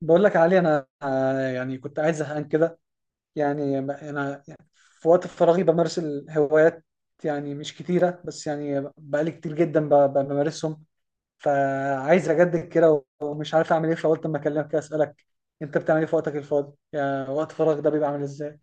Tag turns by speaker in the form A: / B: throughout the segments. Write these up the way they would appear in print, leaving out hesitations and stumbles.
A: بقول لك يا علي، انا يعني كنت قاعد زهقان كده. يعني انا في وقت فراغي بمارس الهوايات، يعني مش كتيره، بس يعني بقالي كتير جدا بمارسهم. فعايز اجدد كده ومش عارف اعمل ايه، فقلت اما اكلمك كده اسالك: انت بتعمل ايه في وقتك الفاضي؟ يعني وقت فراغ ده بيبقى عامل ازاي؟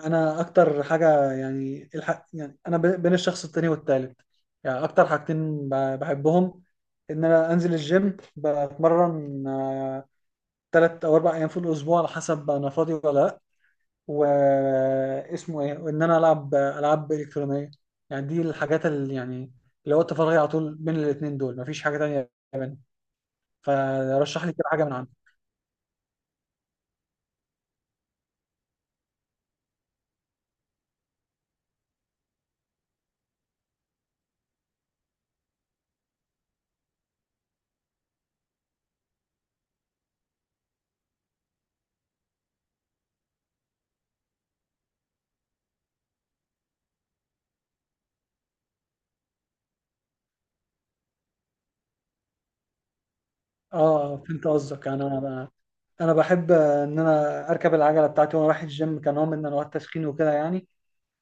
A: انا اكتر حاجه يعني الحق، يعني انا بين الشخص التاني والتالت. يعني اكتر حاجتين بحبهم: ان انا انزل الجيم بتمرن 3 او 4 ايام في الاسبوع، على حسب انا فاضي ولا لا، واسمه ايه، وان انا العب العاب الكترونيه. يعني دي الحاجات اللي يعني اللي وقت فراغي على طول بين الاثنين دول، مفيش حاجه تانية بين. فرشح لي كده حاجه من عندك. اه، فهمت قصدك. يعني انا بحب ان انا اركب العجله بتاعتي وانا رايح الجيم كنوع من انواع التسخين وكده يعني.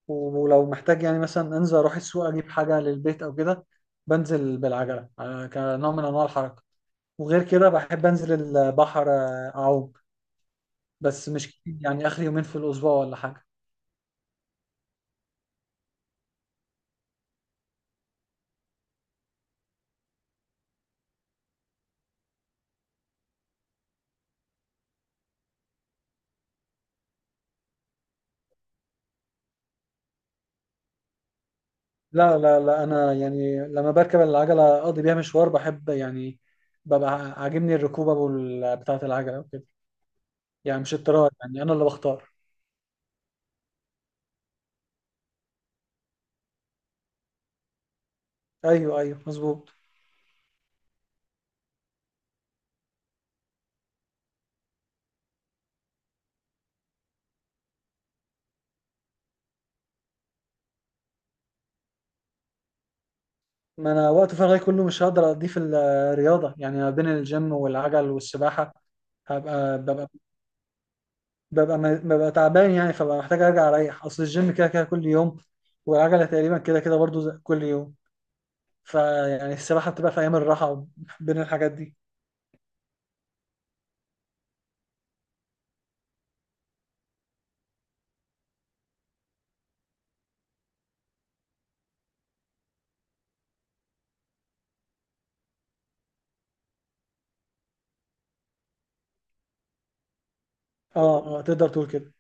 A: ولو محتاج يعني مثلا انزل اروح السوق اجيب حاجه للبيت او كده، بنزل بالعجله كنوع من انواع الحركه. وغير كده بحب انزل البحر اعوم، بس مش كتير، يعني اخر يومين في الاسبوع ولا حاجه. لا، لا، لا، انا يعني لما بركب العجله اقضي بيها مشوار بحب يعني. ببقى عاجبني الركوبه بتاعه العجله وكده. يعني مش اضطرار، يعني انا اللي بختار. ايوه، ايوه، مظبوط. ما انا وقت فراغي كله مش هقدر اقضيه في الرياضه، يعني ما بين الجيم والعجل والسباحه. هبقى ببقى ببقى ببقى تعبان، يعني فببقى محتاج ارجع اريح، اصل الجيم كده كده كل يوم، والعجله تقريبا كده كده برضو كل يوم. فيعني السباحة بتبقى في أيام الراحة بين الحاجات دي. اه، اه، تقدر تقول كده.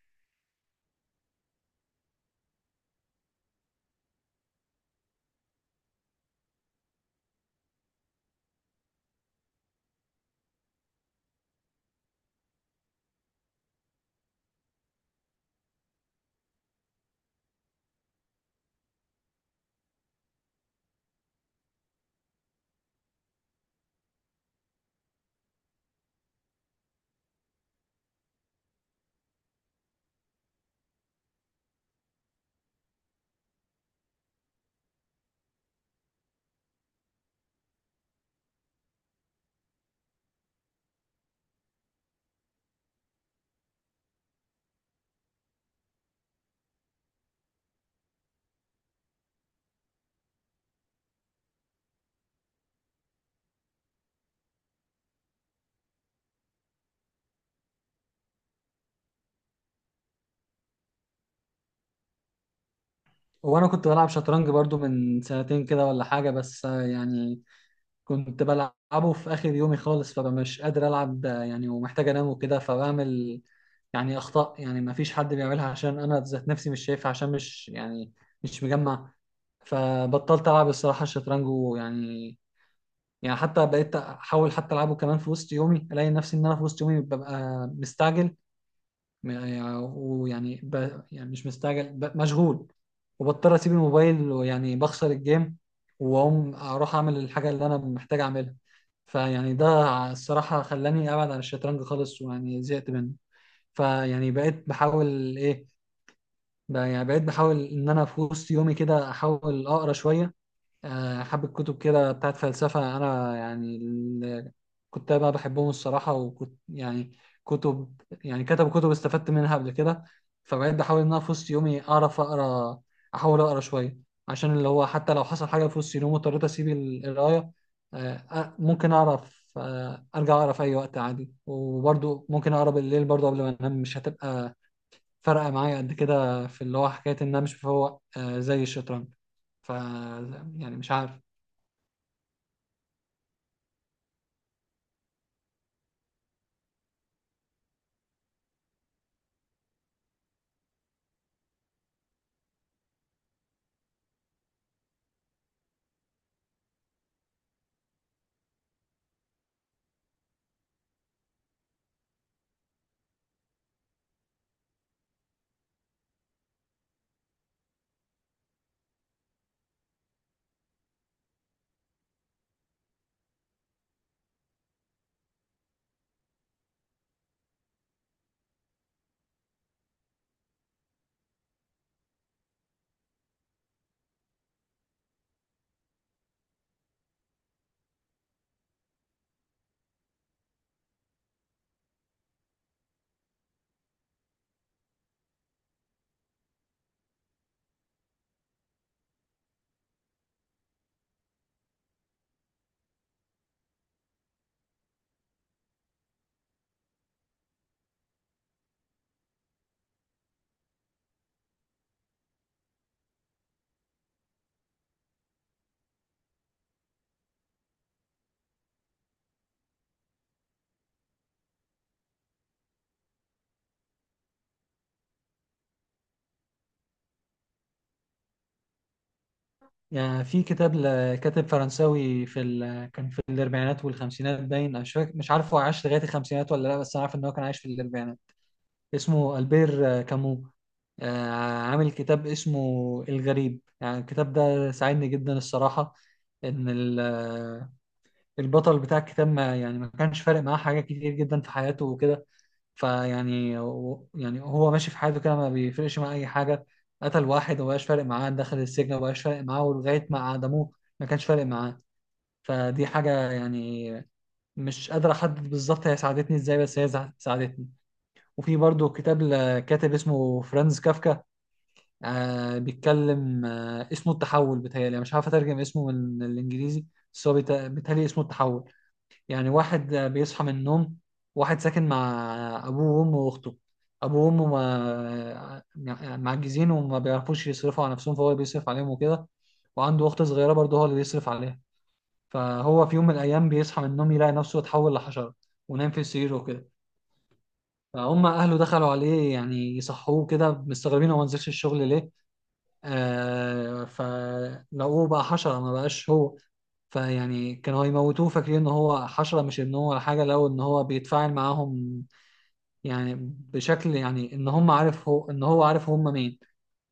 A: وانا كنت بلعب شطرنج برضو من سنتين كده ولا حاجة، بس يعني كنت بلعبه في اخر يومي خالص، فبقى مش قادر العب يعني ومحتاج انام وكده، فبعمل يعني اخطاء يعني ما فيش حد بيعملها، عشان انا ذات نفسي مش شايفها، عشان مش يعني مش مجمع. فبطلت العب الصراحة الشطرنج. يعني حتى بقيت احاول حتى العبه كمان في وسط يومي، الاقي نفسي ان انا في وسط يومي ببقى مستعجل، م- يعني- ويعني ب... يعني مش مستعجل، مشغول، وبضطر اسيب الموبايل، ويعني بخسر الجيم، واقوم اروح اعمل الحاجه اللي انا محتاج اعملها. فيعني ده الصراحه خلاني ابعد عن الشطرنج خالص، ويعني زهقت منه. فيعني بقيت بحاول ايه؟ يعني بقيت بحاول ان انا في وسط يومي كده احاول اقرا شويه، حبة كتب كده بتاعت فلسفة. أنا يعني كنت بقى بحبهم الصراحة، وكنت يعني كتب، يعني كتب كتب استفدت منها قبل كده. فبقيت بحاول إن أنا في وسط يومي أعرف أقرأ، أحاول أقرأ شوية، عشان اللي هو حتى لو حصل حاجة في وسط يومي واضطريت أسيب القراية، ممكن أعرف أرجع أقرأ في أي وقت عادي. وبرضه ممكن أقرأ بالليل برضه قبل ما أنام، مش هتبقى فارقة معايا قد كده في اللي هو حكاية إن أنا مش بفوق زي الشطرنج. ف، يعني مش عارف. يعني في كتاب لكاتب فرنساوي كان في الاربعينات والخمسينات باين. أنا مش فاكر، مش عارف هو عاش لغايه الخمسينات ولا لا، بس انا عارف ان هو كان عايش في الاربعينات. اسمه البير كامو، آه، عامل كتاب اسمه الغريب. يعني الكتاب ده ساعدني جدا الصراحه، ان البطل بتاع الكتاب ما يعني ما كانش فارق معاه حاجه كتير جدا في حياته وكده. فيعني يعني هو ماشي في حياته كده، ما بيفرقش معاه اي حاجه. قتل واحد ومبقاش فارق معاه، دخل السجن ومبقاش فارق معاه، ولغايه ما عدموه ما كانش فارق معاه. فدي حاجه يعني مش قادر احدد بالظبط هي ساعدتني ازاي، بس هي ساعدتني. وفي برضو كتاب لكاتب اسمه فرانز كافكا. بيتكلم، اسمه التحول. بتهيألي أنا مش عارف اترجم اسمه من الانجليزي، بس هو بيتهيألي اسمه التحول. يعني واحد بيصحى من النوم، واحد ساكن مع أبوه وأمه وأخته. أبوه وأمه معجزين وما بيعرفوش يصرفوا على نفسهم، فهو بيصرف عليهم وكده. وعنده أخت صغيرة برضه هو اللي بيصرف عليها. فهو في يوم من الأيام بيصحى من النوم يلاقي نفسه اتحول لحشرة، ونام في سريره وكده. فهم أهله دخلوا عليه يعني يصحوه كده مستغربين هو ما نزلش الشغل ليه. فلقوه بقى حشرة، ما بقاش هو. فيعني كانوا هيموتوه فاكرين ان هو حشرة مش ابنه ولا حاجة، لو ان هو بيتفاعل معاهم يعني بشكل، يعني ان هم عارف، هو ان هو عارف هم مين.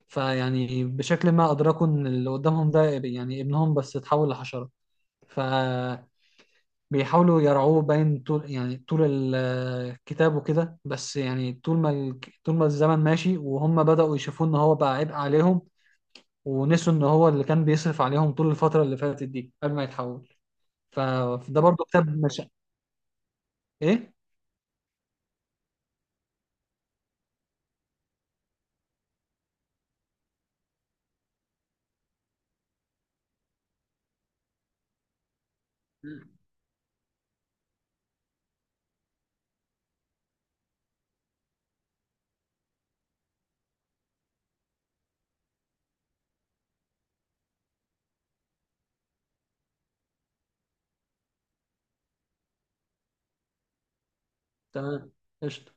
A: فيعني بشكل ما ادركوا ان اللي قدامهم ده يعني ابنهم بس اتحول لحشرة. فبيحاولوا يرعوه باين طول، يعني طول الكتاب وكده. بس يعني طول ما الزمن ماشي وهم بدأوا يشوفوا ان هو بقى عبء عليهم، ونسوا ان هو اللي كان بيصرف عليهم طول الفترة اللي فاتت دي قبل ما يتحول. فده برضو كتاب مش ايه. مم. تمام. قشطة.